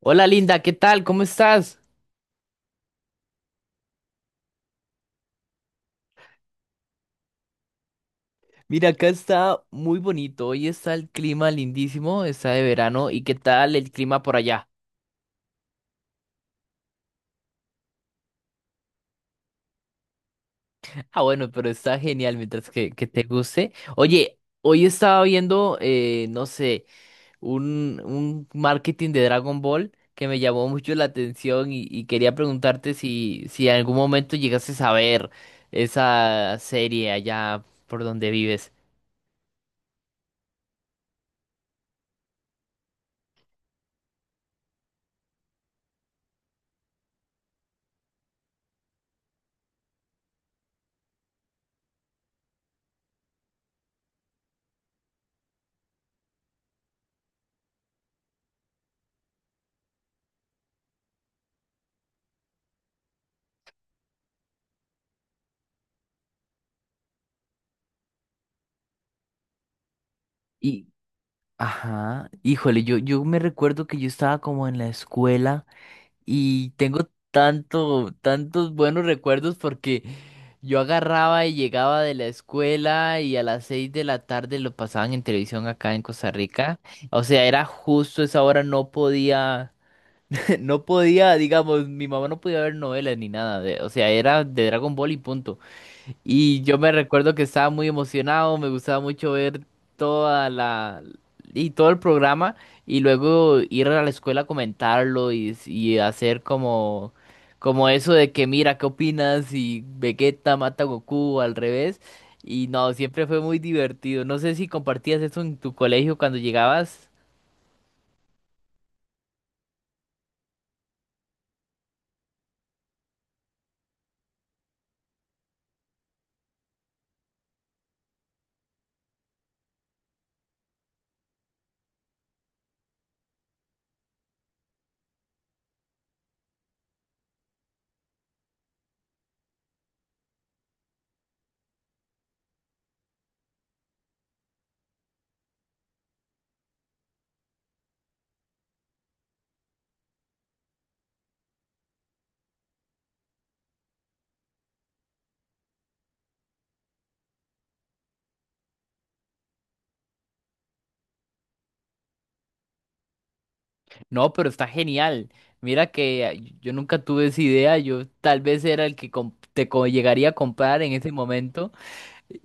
Hola Linda, ¿qué tal? ¿Cómo estás? Mira, acá está muy bonito. Hoy está el clima lindísimo, está de verano. ¿Y qué tal el clima por allá? Ah, bueno, pero está genial mientras que te guste. Oye, hoy estaba viendo, no sé, un marketing de Dragon Ball que me llamó mucho la atención y quería preguntarte si en algún momento llegases a ver esa serie allá por donde vives. Ajá, híjole, yo me recuerdo que yo estaba como en la escuela y tengo tantos buenos recuerdos porque yo agarraba y llegaba de la escuela y a las seis de la tarde lo pasaban en televisión acá en Costa Rica. O sea, era justo esa hora, no podía, no podía, digamos, mi mamá no podía ver novelas ni nada o sea, era de Dragon Ball y punto. Y yo me recuerdo que estaba muy emocionado, me gustaba mucho ver toda la y todo el programa y luego ir a la escuela a comentarlo y hacer como como eso de que mira, ¿qué opinas? Y Vegeta mata a Goku al revés. Y no, siempre fue muy divertido. No sé si compartías eso en tu colegio cuando llegabas. No, pero está genial. Mira que ah, yo nunca tuve esa idea. Yo tal vez era el que llegaría a comprar en ese momento.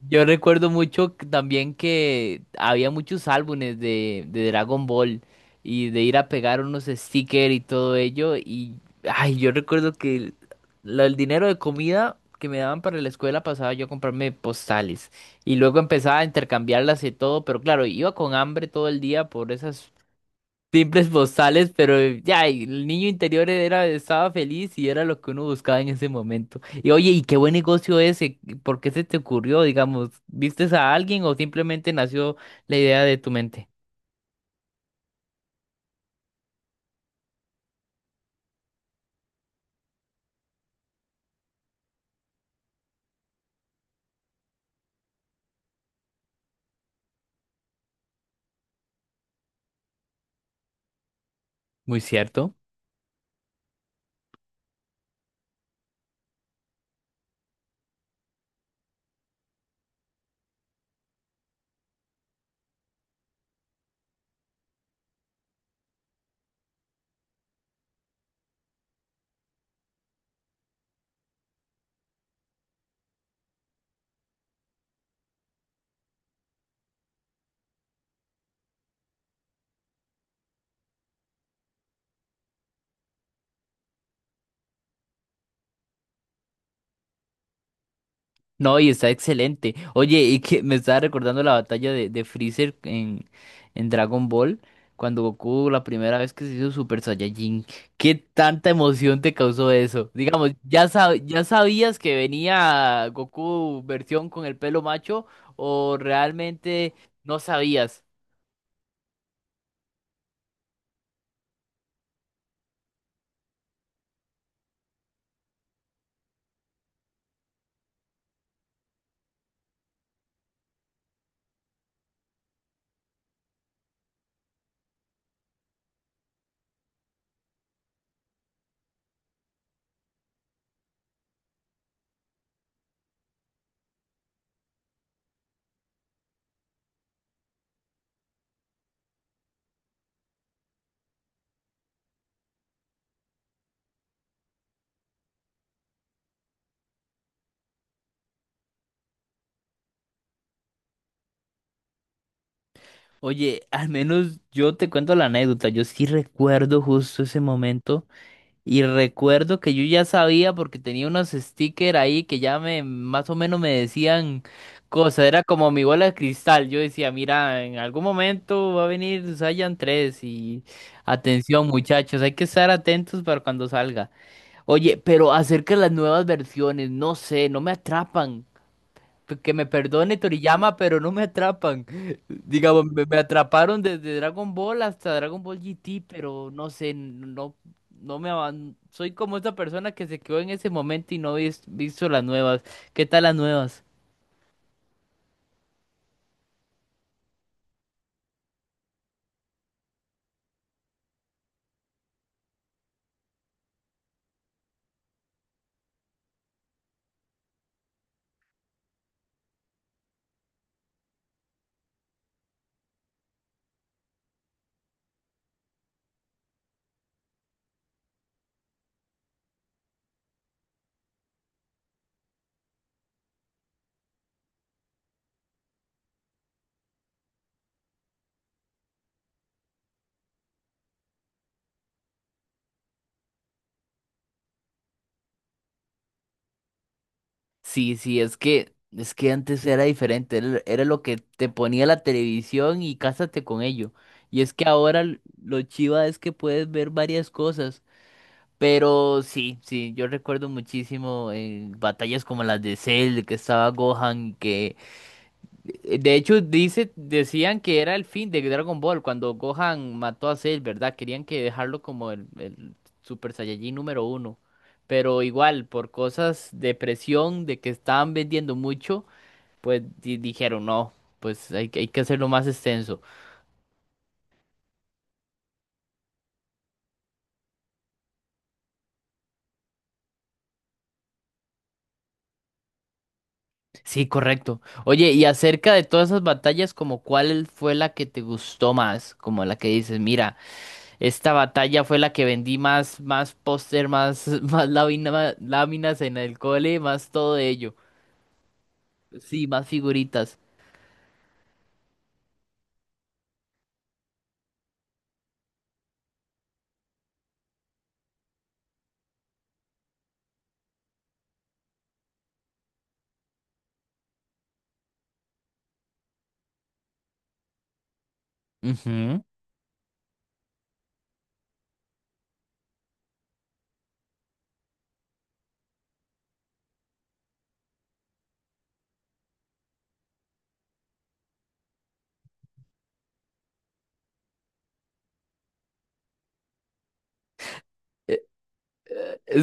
Yo recuerdo mucho también que había muchos álbumes de Dragon Ball y de ir a pegar unos stickers y todo ello. Y ay, yo recuerdo que el dinero de comida que me daban para la escuela pasaba yo a comprarme postales. Y luego empezaba a intercambiarlas y todo, pero claro, iba con hambre todo el día por esas simples postales, pero ya, el niño interior era, estaba feliz y era lo que uno buscaba en ese momento. Y oye, ¿y qué buen negocio ese? ¿Por qué se te ocurrió, digamos? ¿Vistes a alguien o simplemente nació la idea de tu mente? Muy cierto. No, y está excelente. Oye, y que me estaba recordando la batalla de Freezer en Dragon Ball, cuando Goku la primera vez que se hizo Super Saiyajin. ¿Qué tanta emoción te causó eso? Digamos, ya sabías que venía Goku versión con el pelo macho o realmente no sabías. Oye, al menos yo te cuento la anécdota. Yo sí recuerdo justo ese momento. Y recuerdo que yo ya sabía porque tenía unos stickers ahí que ya me más o menos me decían cosas. Era como mi bola de cristal. Yo decía, mira, en algún momento va a venir Saiyan 3 y atención muchachos, hay que estar atentos para cuando salga. Oye, pero acerca de las nuevas versiones, no sé, no me atrapan. Que me perdone Toriyama, pero no me atrapan. Digamos, me atraparon desde Dragon Ball hasta Dragon Ball GT, pero no sé, no, soy como esa persona que se quedó en ese momento y no vis- visto las nuevas. ¿Qué tal las nuevas? Sí, sí, es que antes era diferente, era lo que te ponía la televisión y cásate con ello. Y es que ahora lo chiva es que puedes ver varias cosas. Pero sí, sí, yo recuerdo muchísimo batallas como las de Cell, que estaba Gohan, que de hecho decían que era el fin de Dragon Ball cuando Gohan mató a Cell, ¿verdad? Querían que dejarlo como el Super Saiyajin número uno. Pero igual, por cosas de presión, de que estaban vendiendo mucho, pues dijeron no, pues hay que hacerlo más extenso. Sí, correcto. Oye, y acerca de todas esas batallas, como cuál fue la que te gustó más, como la que dices, mira, esta batalla fue la que vendí más, más póster, más, más láminas en el cole, más todo ello. Sí, más figuritas. Ujú.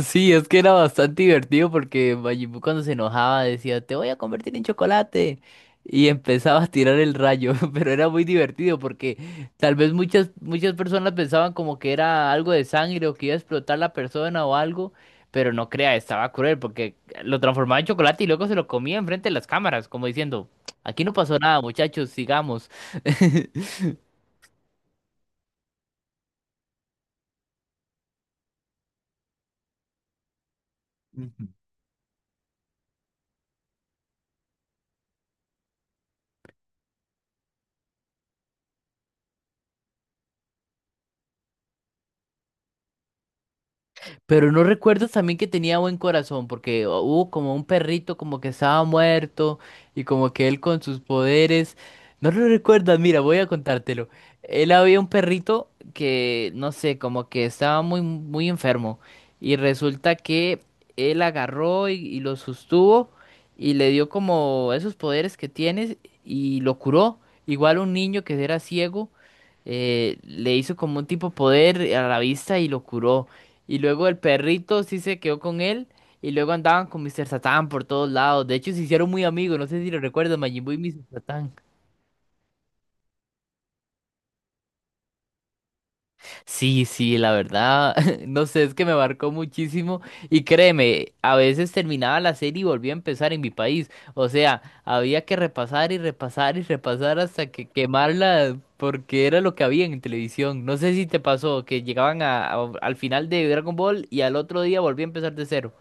Sí, es que era bastante divertido porque Majin Buu cuando se enojaba decía, te voy a convertir en chocolate. Y empezaba a tirar el rayo, pero era muy divertido porque tal vez muchas personas pensaban como que era algo de sangre o que iba a explotar la persona o algo, pero no crea, estaba cruel porque lo transformaba en chocolate y luego se lo comía enfrente de las cámaras, como diciendo, aquí no pasó nada, muchachos, sigamos. Pero no recuerdo también que tenía buen corazón, porque hubo como un perrito como que estaba muerto y como que él con sus poderes. No lo recuerdas, mira, voy a contártelo. Él había un perrito que, no sé, como que estaba muy enfermo. Y resulta que él agarró y lo sostuvo y le dio como esos poderes que tienes y lo curó. Igual un niño que era ciego, le hizo como un tipo poder a la vista y lo curó. Y luego el perrito sí se quedó con él. Y luego andaban con Mr. Satan por todos lados. De hecho, se hicieron muy amigos. No sé si lo recuerdas, Majin Buu y Mr. Satan. Sí, sí, la verdad. No sé, es que me marcó muchísimo. Y créeme, a veces terminaba la serie y volvía a empezar en mi país. O sea, había que repasar y repasar y repasar hasta que quemarla. Porque era lo que había en televisión. No sé si te pasó que llegaban al final de Dragon Ball y al otro día volvía a empezar de cero.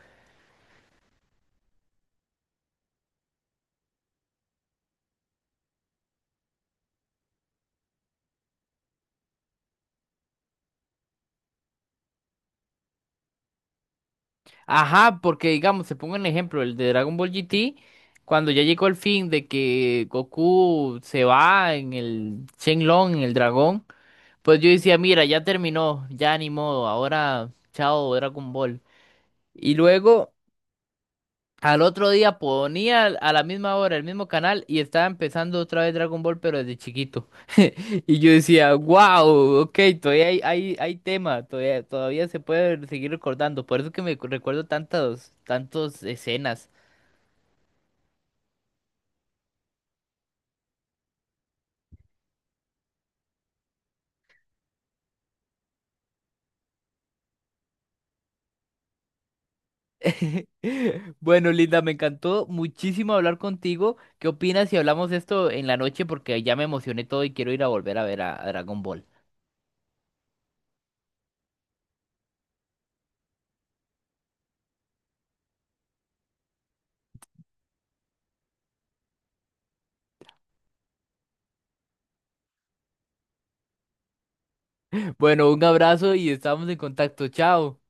Ajá, porque digamos, se pongo un ejemplo, el de Dragon Ball GT, cuando ya llegó el fin de que Goku se va en el Shenlong, en el dragón, pues yo decía, mira, ya terminó, ya ni modo, ahora chao Dragon Ball. Y luego al otro día ponía a la misma hora el mismo canal y estaba empezando otra vez Dragon Ball, pero desde chiquito. Y yo decía, wow, ok, todavía hay tema, todavía se puede seguir recordando. Por eso que recuerdo tantas escenas. Bueno, Linda, me encantó muchísimo hablar contigo. ¿Qué opinas si hablamos esto en la noche? Porque ya me emocioné todo y quiero ir a volver a ver a Dragon Ball. Bueno, un abrazo y estamos en contacto. Chao.